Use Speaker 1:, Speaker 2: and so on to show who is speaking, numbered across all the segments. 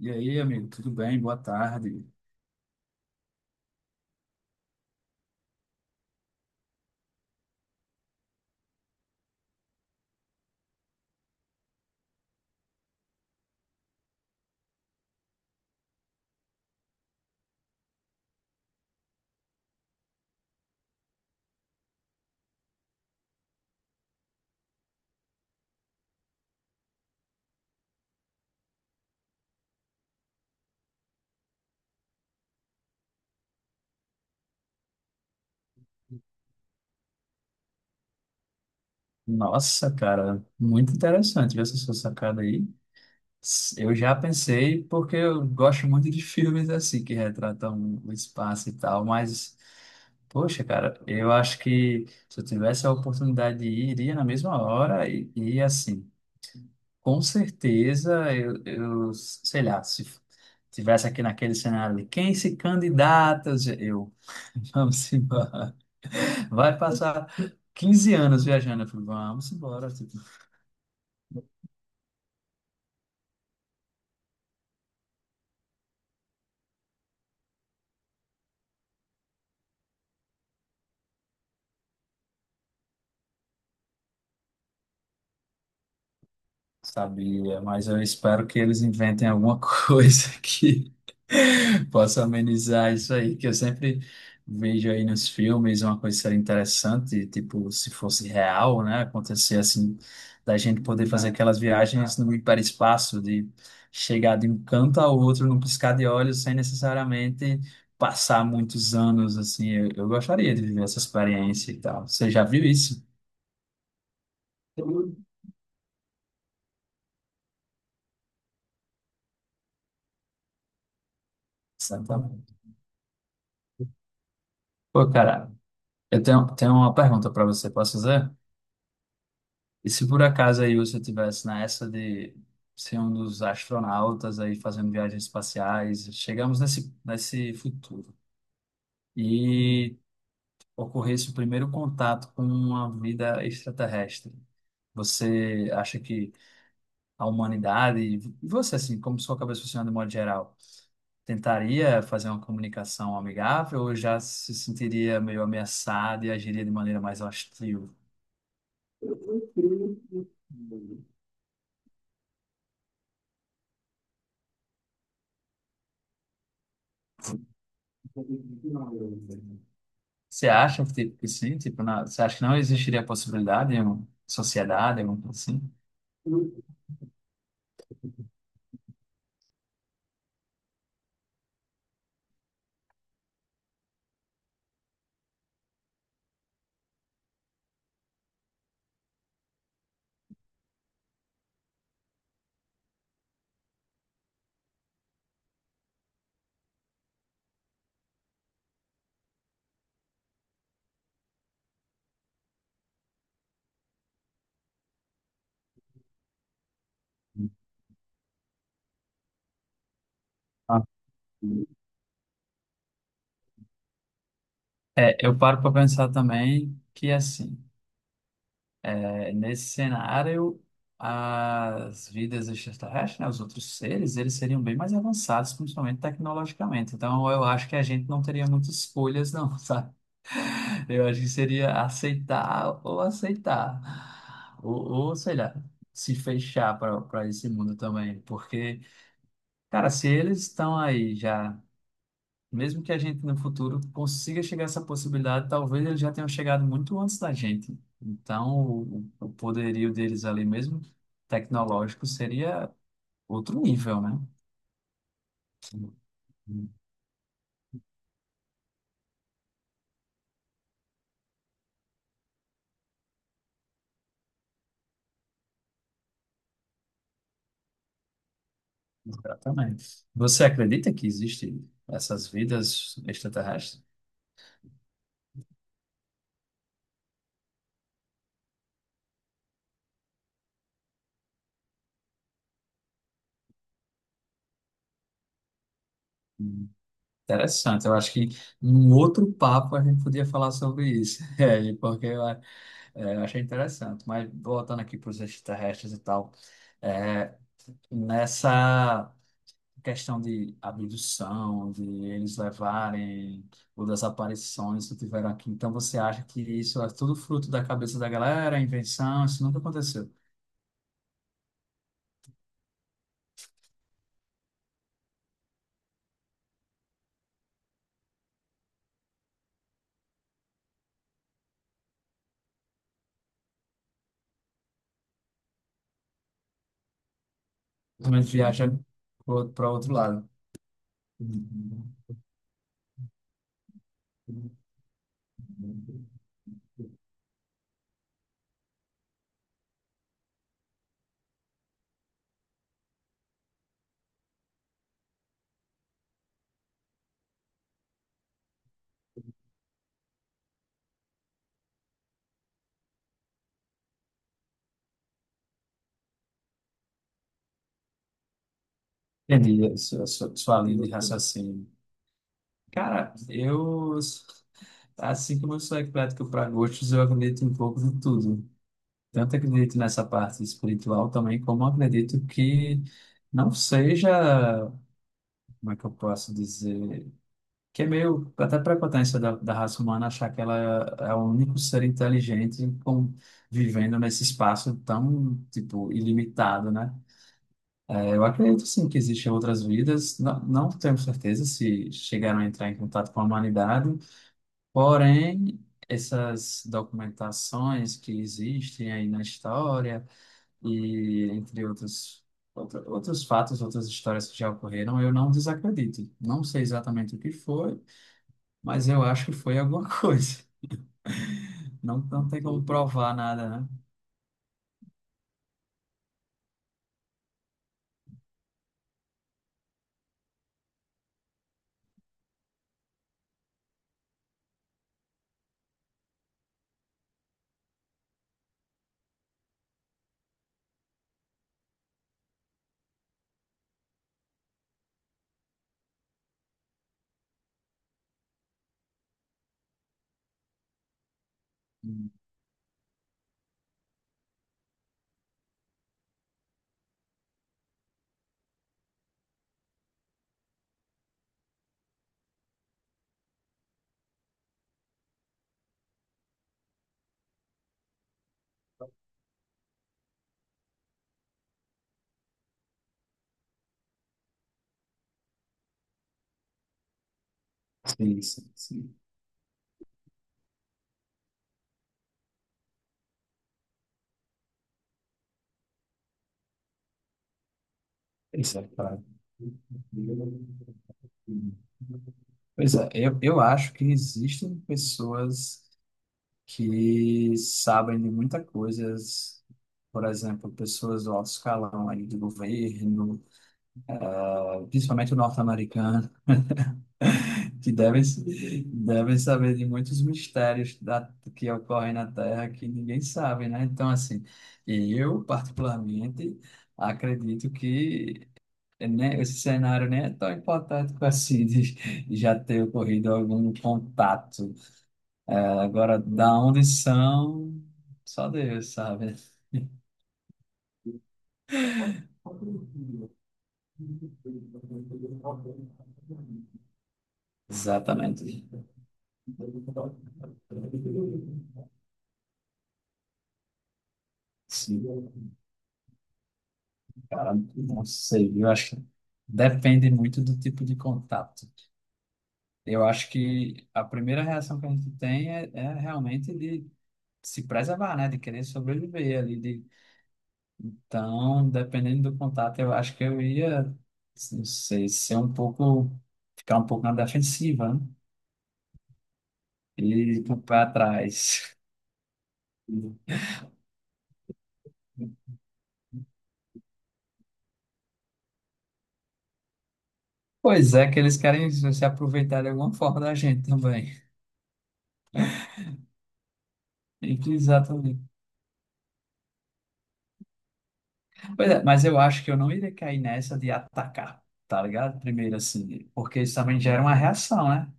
Speaker 1: E aí, amigo, tudo bem? Boa tarde. Nossa, cara, muito interessante ver essa sua sacada aí. Eu já pensei, porque eu gosto muito de filmes assim, que retratam o espaço e tal, mas, poxa, cara, eu acho que se eu tivesse a oportunidade de ir, iria na mesma hora e assim, com certeza, eu, sei lá, se f- tivesse aqui naquele cenário ali, quem se candidata? Eu, vamos embora. Vai passar 15 anos viajando. Eu falei, vamos embora. Sabia, mas eu espero que eles inventem alguma coisa que possa amenizar isso aí, que eu sempre vejo aí nos filmes uma coisa que seria interessante, tipo, se fosse real, né? Acontecer assim, da gente poder fazer aquelas viagens no hiperespaço, de chegar de um canto ao outro num piscar de olhos, sem necessariamente passar muitos anos, assim. Eu gostaria de viver essa experiência e tal. Você já viu isso? Exatamente. Pô, cara. Eu tenho uma pergunta para você, posso fazer? E se por acaso aí você tivesse nessa de ser um dos astronautas aí fazendo viagens espaciais, chegamos nesse futuro e ocorresse o primeiro contato com uma vida extraterrestre, você acha que a humanidade, e você assim, como sua cabeça funciona de modo geral, tentaria fazer uma comunicação amigável ou já se sentiria meio ameaçado e agiria de maneira mais hostil? Você acha que tipo, que sim? Tipo, você acha que não existiria a possibilidade de uma sociedade, alguma coisa assim? Ah. É, eu paro para pensar também que, assim, é, nesse cenário, as vidas extraterrestres, né, os outros seres, eles seriam bem mais avançados, principalmente tecnologicamente. Então, eu acho que a gente não teria muitas escolhas, não, sabe? Eu acho que seria aceitar ou aceitar. Ou sei lá, se fechar para esse mundo também. Porque, cara, se eles estão aí já, mesmo que a gente no futuro consiga chegar a essa possibilidade, talvez eles já tenham chegado muito antes da gente. Então, o poderio deles ali mesmo, tecnológico, seria outro nível, né? Exatamente. Você acredita que existem essas vidas extraterrestres? Interessante, eu acho que em outro papo a gente podia falar sobre isso, É, e porque é, eu achei interessante. Mas voltando aqui para os extraterrestres e tal, é, nessa questão de abdução, de eles levarem ou das aparições que tiveram aqui, então você acha que isso é tudo fruto da cabeça da galera, invenção? Isso nunca aconteceu. Também viaja para outro lado. Entendi a sua linha de raciocínio. Cara, eu, assim como eu sou eclético para gostos, eu acredito um pouco de tudo. Tanto acredito nessa parte espiritual também, como acredito que não seja, como é que eu posso dizer, que é meio até prepotência da raça humana achar que ela é o único ser inteligente com, vivendo nesse espaço tão, tipo, ilimitado, né? É, eu acredito sim que existem outras vidas, não tenho certeza se chegaram a entrar em contato com a humanidade, porém, essas documentações que existem aí na história e entre outros, outros fatos, outras histórias que já ocorreram, eu não desacredito. Não sei exatamente o que foi, mas eu acho que foi alguma coisa. Não tem como provar nada, né? Sim, sim, sim. Isso é claro. Pois é, eu acho que existem pessoas que sabem de muitas coisas, por exemplo, pessoas do alto escalão aí do governo, principalmente o norte-americano, que devem, devem saber de muitos mistérios da, que ocorrem na Terra que ninguém sabe, né? Então, assim, eu particularmente acredito que né, esse cenário nem é tão hipotético assim de já ter ocorrido algum contato. Agora, da onde são, só Deus sabe. Exatamente. Sim. Cara, não sei, eu acho que depende muito do tipo de contato. Eu acho que a primeira reação que a gente tem é realmente de se preservar, né? De querer sobreviver ali. De... Então, dependendo do contato, eu acho que eu ia, não sei, ser um pouco, ficar um pouco na defensiva, né? E ir com o pé atrás. Pois é, que eles querem se aproveitar de alguma forma da gente também. Exatamente. Pois é, mas eu acho que eu não iria cair nessa de atacar, tá ligado? Primeiro, assim, porque isso também gera uma reação, né?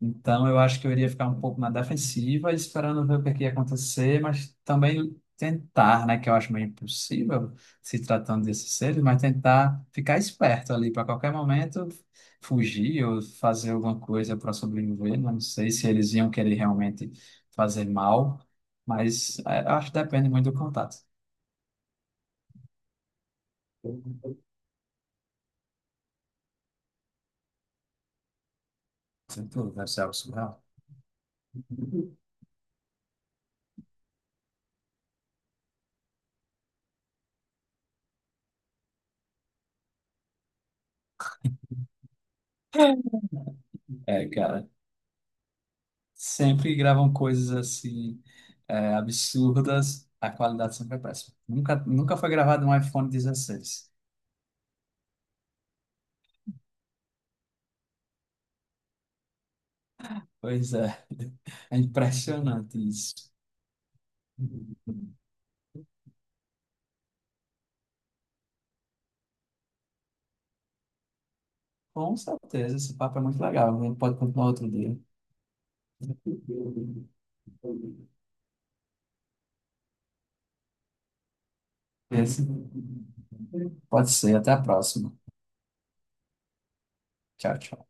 Speaker 1: Então, eu acho que eu iria ficar um pouco na defensiva, esperando ver o que é que ia acontecer, mas também tentar, né, que eu acho meio impossível se tratando desses seres, mas tentar ficar esperto ali para qualquer momento fugir ou fazer alguma coisa para sobreviver. Não sei se eles iam querer realmente fazer mal, mas é, eu acho que depende muito do contato. Sem tudo, deve ser algo surreal. É, cara. Sempre gravam coisas assim, é, absurdas, a qualidade sempre é péssima. Nunca, nunca foi gravado um iPhone 16. Pois é, é impressionante isso. Com certeza, esse papo é muito legal. A gente pode continuar outro dia. Esse- pode ser, até a próxima. Tchau, tchau.